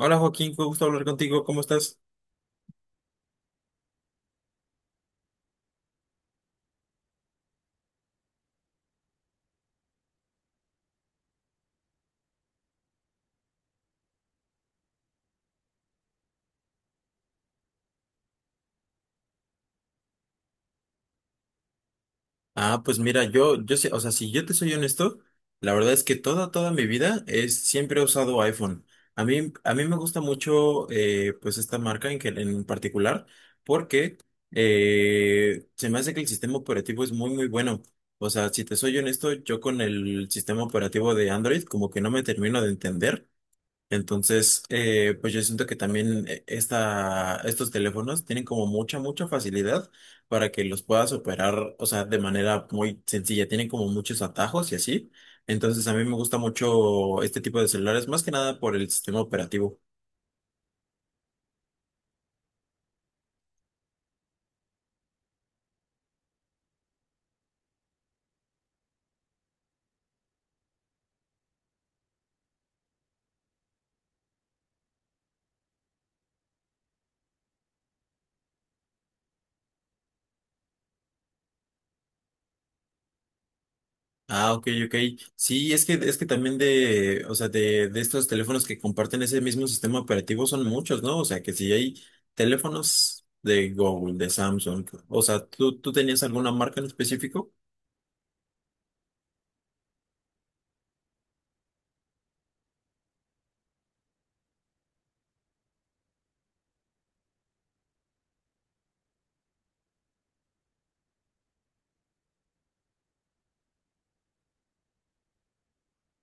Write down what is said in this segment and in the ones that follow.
Hola Joaquín, fue gusto hablar contigo, ¿cómo estás? Pues mira, yo sé, o sea, si yo te soy honesto, la verdad es que toda mi vida es, siempre he usado iPhone. A mí me gusta mucho, pues esta marca en particular, porque se me hace que el sistema operativo es muy bueno. O sea, si te soy honesto, yo con el sistema operativo de Android como que no me termino de entender. Entonces, pues yo siento que también estos teléfonos tienen como mucha facilidad para que los puedas operar, o sea, de manera muy sencilla. Tienen como muchos atajos y así. Entonces, a mí me gusta mucho este tipo de celulares, más que nada por el sistema operativo. Ah, ok, ok. Sí, es que también o sea, de estos teléfonos que comparten ese mismo sistema operativo son muchos, ¿no? O sea, que si hay teléfonos de Google, de Samsung, o sea, tú tenías alguna marca en específico?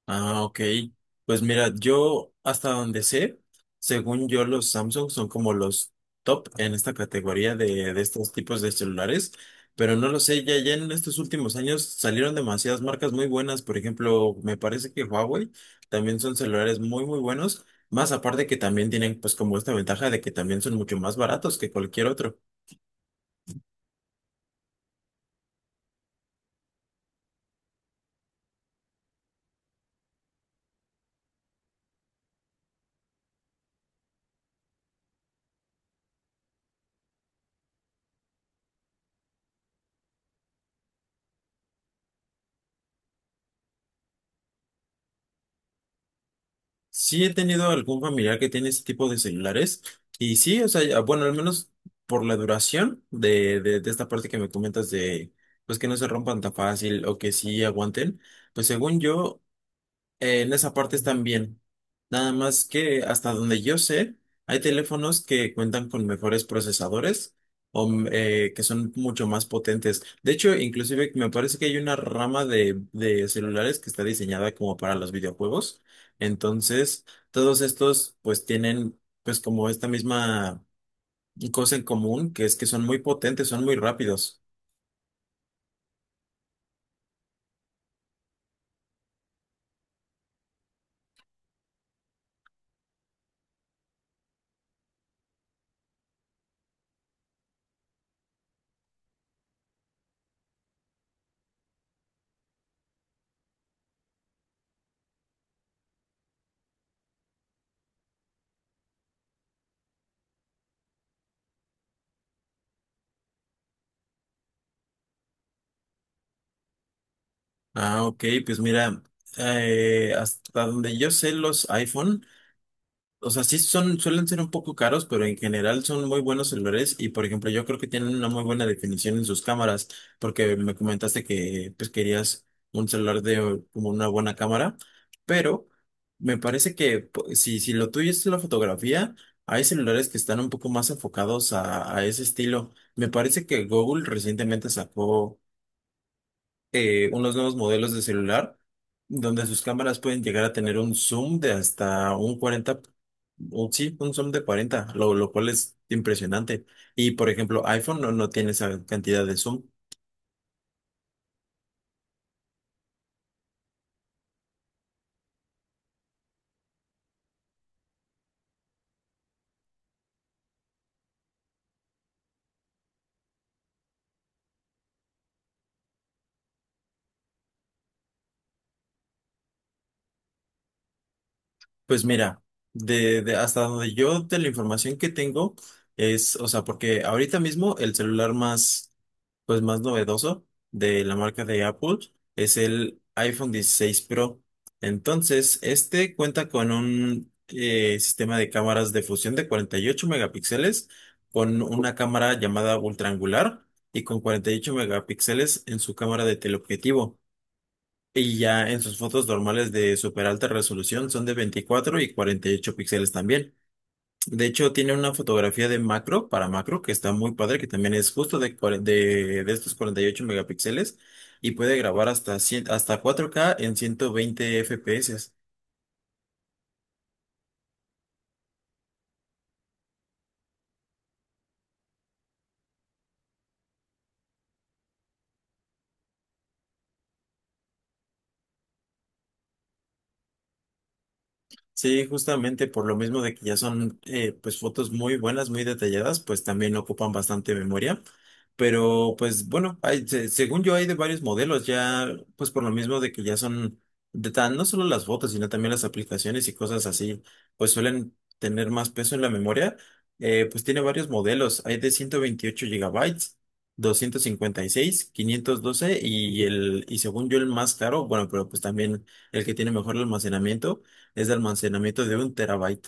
Ah, ok. Pues mira, yo hasta donde sé, según yo, los Samsung son como los top en esta categoría de estos tipos de celulares, pero no lo sé, ya en estos últimos años salieron demasiadas marcas muy buenas, por ejemplo, me parece que Huawei también son celulares muy buenos, más aparte que también tienen pues como esta ventaja de que también son mucho más baratos que cualquier otro. Sí he tenido algún familiar que tiene ese tipo de celulares y sí, o sea, ya- bueno, al menos por la duración de esta parte que me comentas de, pues que no se rompan tan fácil o que sí aguanten, pues según yo, en esa parte están bien. Nada más que hasta donde yo sé, hay teléfonos que cuentan con mejores procesadores o que son mucho más potentes. De hecho, inclusive me parece que hay una rama de celulares que está diseñada como para los videojuegos. Entonces, todos estos pues tienen pues como esta misma cosa en común, que es que son muy potentes, son muy rápidos. Ah, ok, pues mira, hasta donde yo sé los iPhone. O sea, sí son, suelen ser un poco caros, pero en general son muy buenos celulares y, por ejemplo, yo creo que tienen una muy buena definición en sus cámaras, porque me comentaste que pues querías un celular de como una buena cámara, pero me parece que si, si lo tuyo es la fotografía, hay celulares que están un poco más enfocados a ese estilo. Me parece que Google recientemente sacó unos nuevos modelos de celular donde sus cámaras pueden llegar a tener un zoom de hasta un 40 sí, un zoom de 40 lo cual es impresionante. Y por ejemplo, iPhone no tiene esa cantidad de zoom. Pues mira, de hasta donde yo de la información que tengo es, o sea, porque ahorita mismo el celular más, pues más novedoso de la marca de Apple es el iPhone 16 Pro. Entonces, este cuenta con un sistema de cámaras de fusión de 48 megapíxeles, con una cámara llamada ultraangular y con 48 megapíxeles en su cámara de teleobjetivo. Y ya en sus fotos normales de super alta resolución son de 24 y 48 píxeles también. De hecho, tiene una fotografía de macro para macro que está muy padre, que también es justo de estos 48 megapíxeles y puede grabar hasta 100 hasta 4K en 120 FPS. Sí, justamente por lo mismo de que ya son pues fotos muy buenas, muy detalladas, pues también ocupan bastante memoria. Pero pues bueno, según yo hay de varios modelos, ya pues por lo mismo de que ya son de tan, no solo las fotos, sino también las aplicaciones y cosas así, pues suelen tener más peso en la memoria. Pues tiene varios modelos, hay de 128 gigabytes, 256, 512 y seis, quinientos doce y según yo el más caro, bueno, pero pues también el que tiene mejor almacenamiento es de almacenamiento de 1 TB.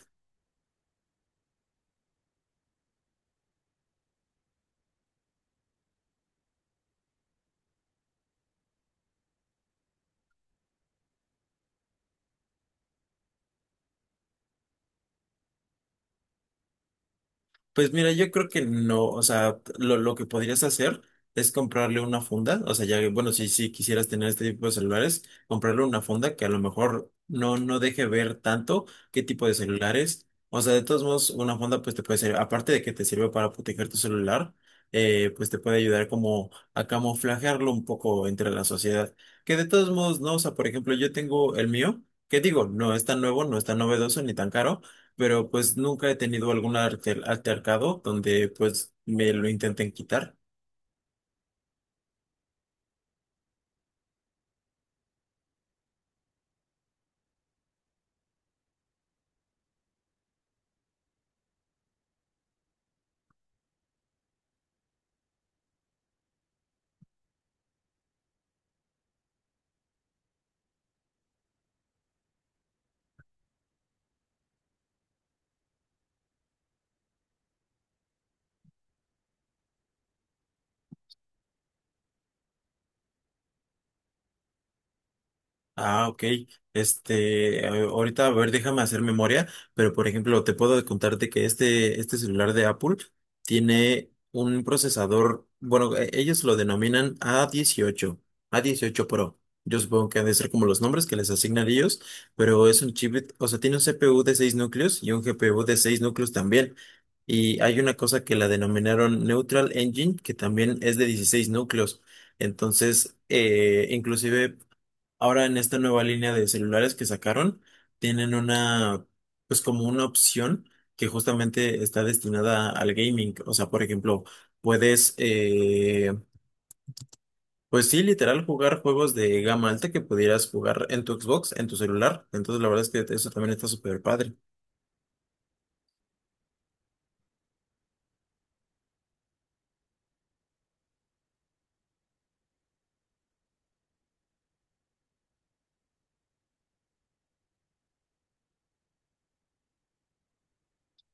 Pues mira, yo creo que no, o sea, lo que podrías hacer es comprarle una funda, o sea, ya, que, bueno, si, si quisieras tener este tipo de celulares, comprarle una funda que a lo mejor no deje ver tanto qué tipo de celulares, o sea, de todos modos, una funda pues te puede servir, aparte de que te sirve para proteger tu celular, pues te puede ayudar como a camuflajearlo un poco entre la sociedad, que de todos modos, no, o sea, por ejemplo, yo tengo el mío, que digo, no es tan nuevo, no es tan novedoso ni tan caro, pero pues nunca he tenido altercado donde pues me lo intenten quitar. Ah, ok. Este, ahorita, a ver, déjame hacer memoria, pero por ejemplo, te puedo contarte que este celular de Apple tiene un procesador, bueno, ellos lo denominan a 18, a dieciocho Pro. Yo supongo que han de ser como los nombres que les asignan ellos, pero es un chip, o sea, tiene un CPU de 6 núcleos y un GPU de 6 núcleos también. Y hay una cosa que la denominaron Neutral Engine, que también es de 16 núcleos. Entonces, inclusive ahora en esta nueva línea de celulares que sacaron, tienen una, pues como una opción que justamente está destinada al gaming. O sea, por ejemplo, puedes, eh, pues sí, literal, jugar juegos de gama alta que pudieras jugar en tu Xbox, en tu celular. Entonces, la verdad es que eso también está súper padre.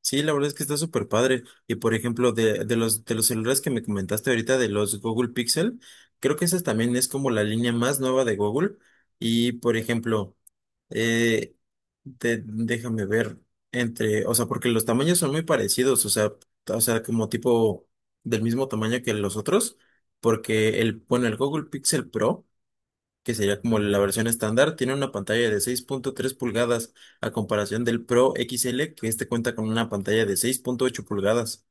Sí, la verdad es que está súper padre. Y por ejemplo, de los celulares que me comentaste ahorita, de los Google Pixel, creo que esa también es como la línea más nueva de Google. Y por ejemplo, eh, déjame ver entre, o sea, porque los tamaños son muy parecidos, o sea, como tipo del mismo tamaño que los otros, porque el, bueno, el Google Pixel Pro que sería como la versión estándar, tiene una pantalla de 6,3 pulgadas a comparación del Pro XL, que este cuenta con una pantalla de 6,8 pulgadas.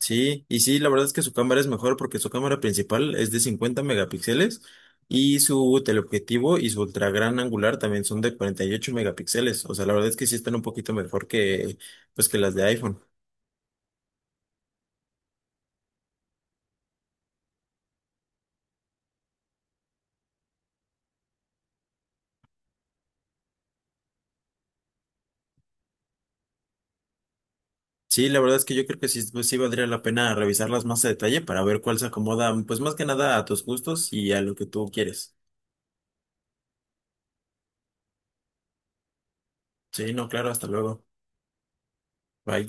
Sí, la verdad es que su cámara es mejor porque su cámara principal es de 50 megapíxeles y su teleobjetivo y su ultra gran angular también son de 48 megapíxeles. O sea, la verdad es que sí están un poquito mejor que, pues, que las de iPhone. Sí, la verdad es que yo creo que sí, pues, sí valdría la pena revisarlas más a detalle para ver cuál se acomoda, pues más que nada a tus gustos y a lo que tú quieres. Sí, no, claro, hasta luego. Bye.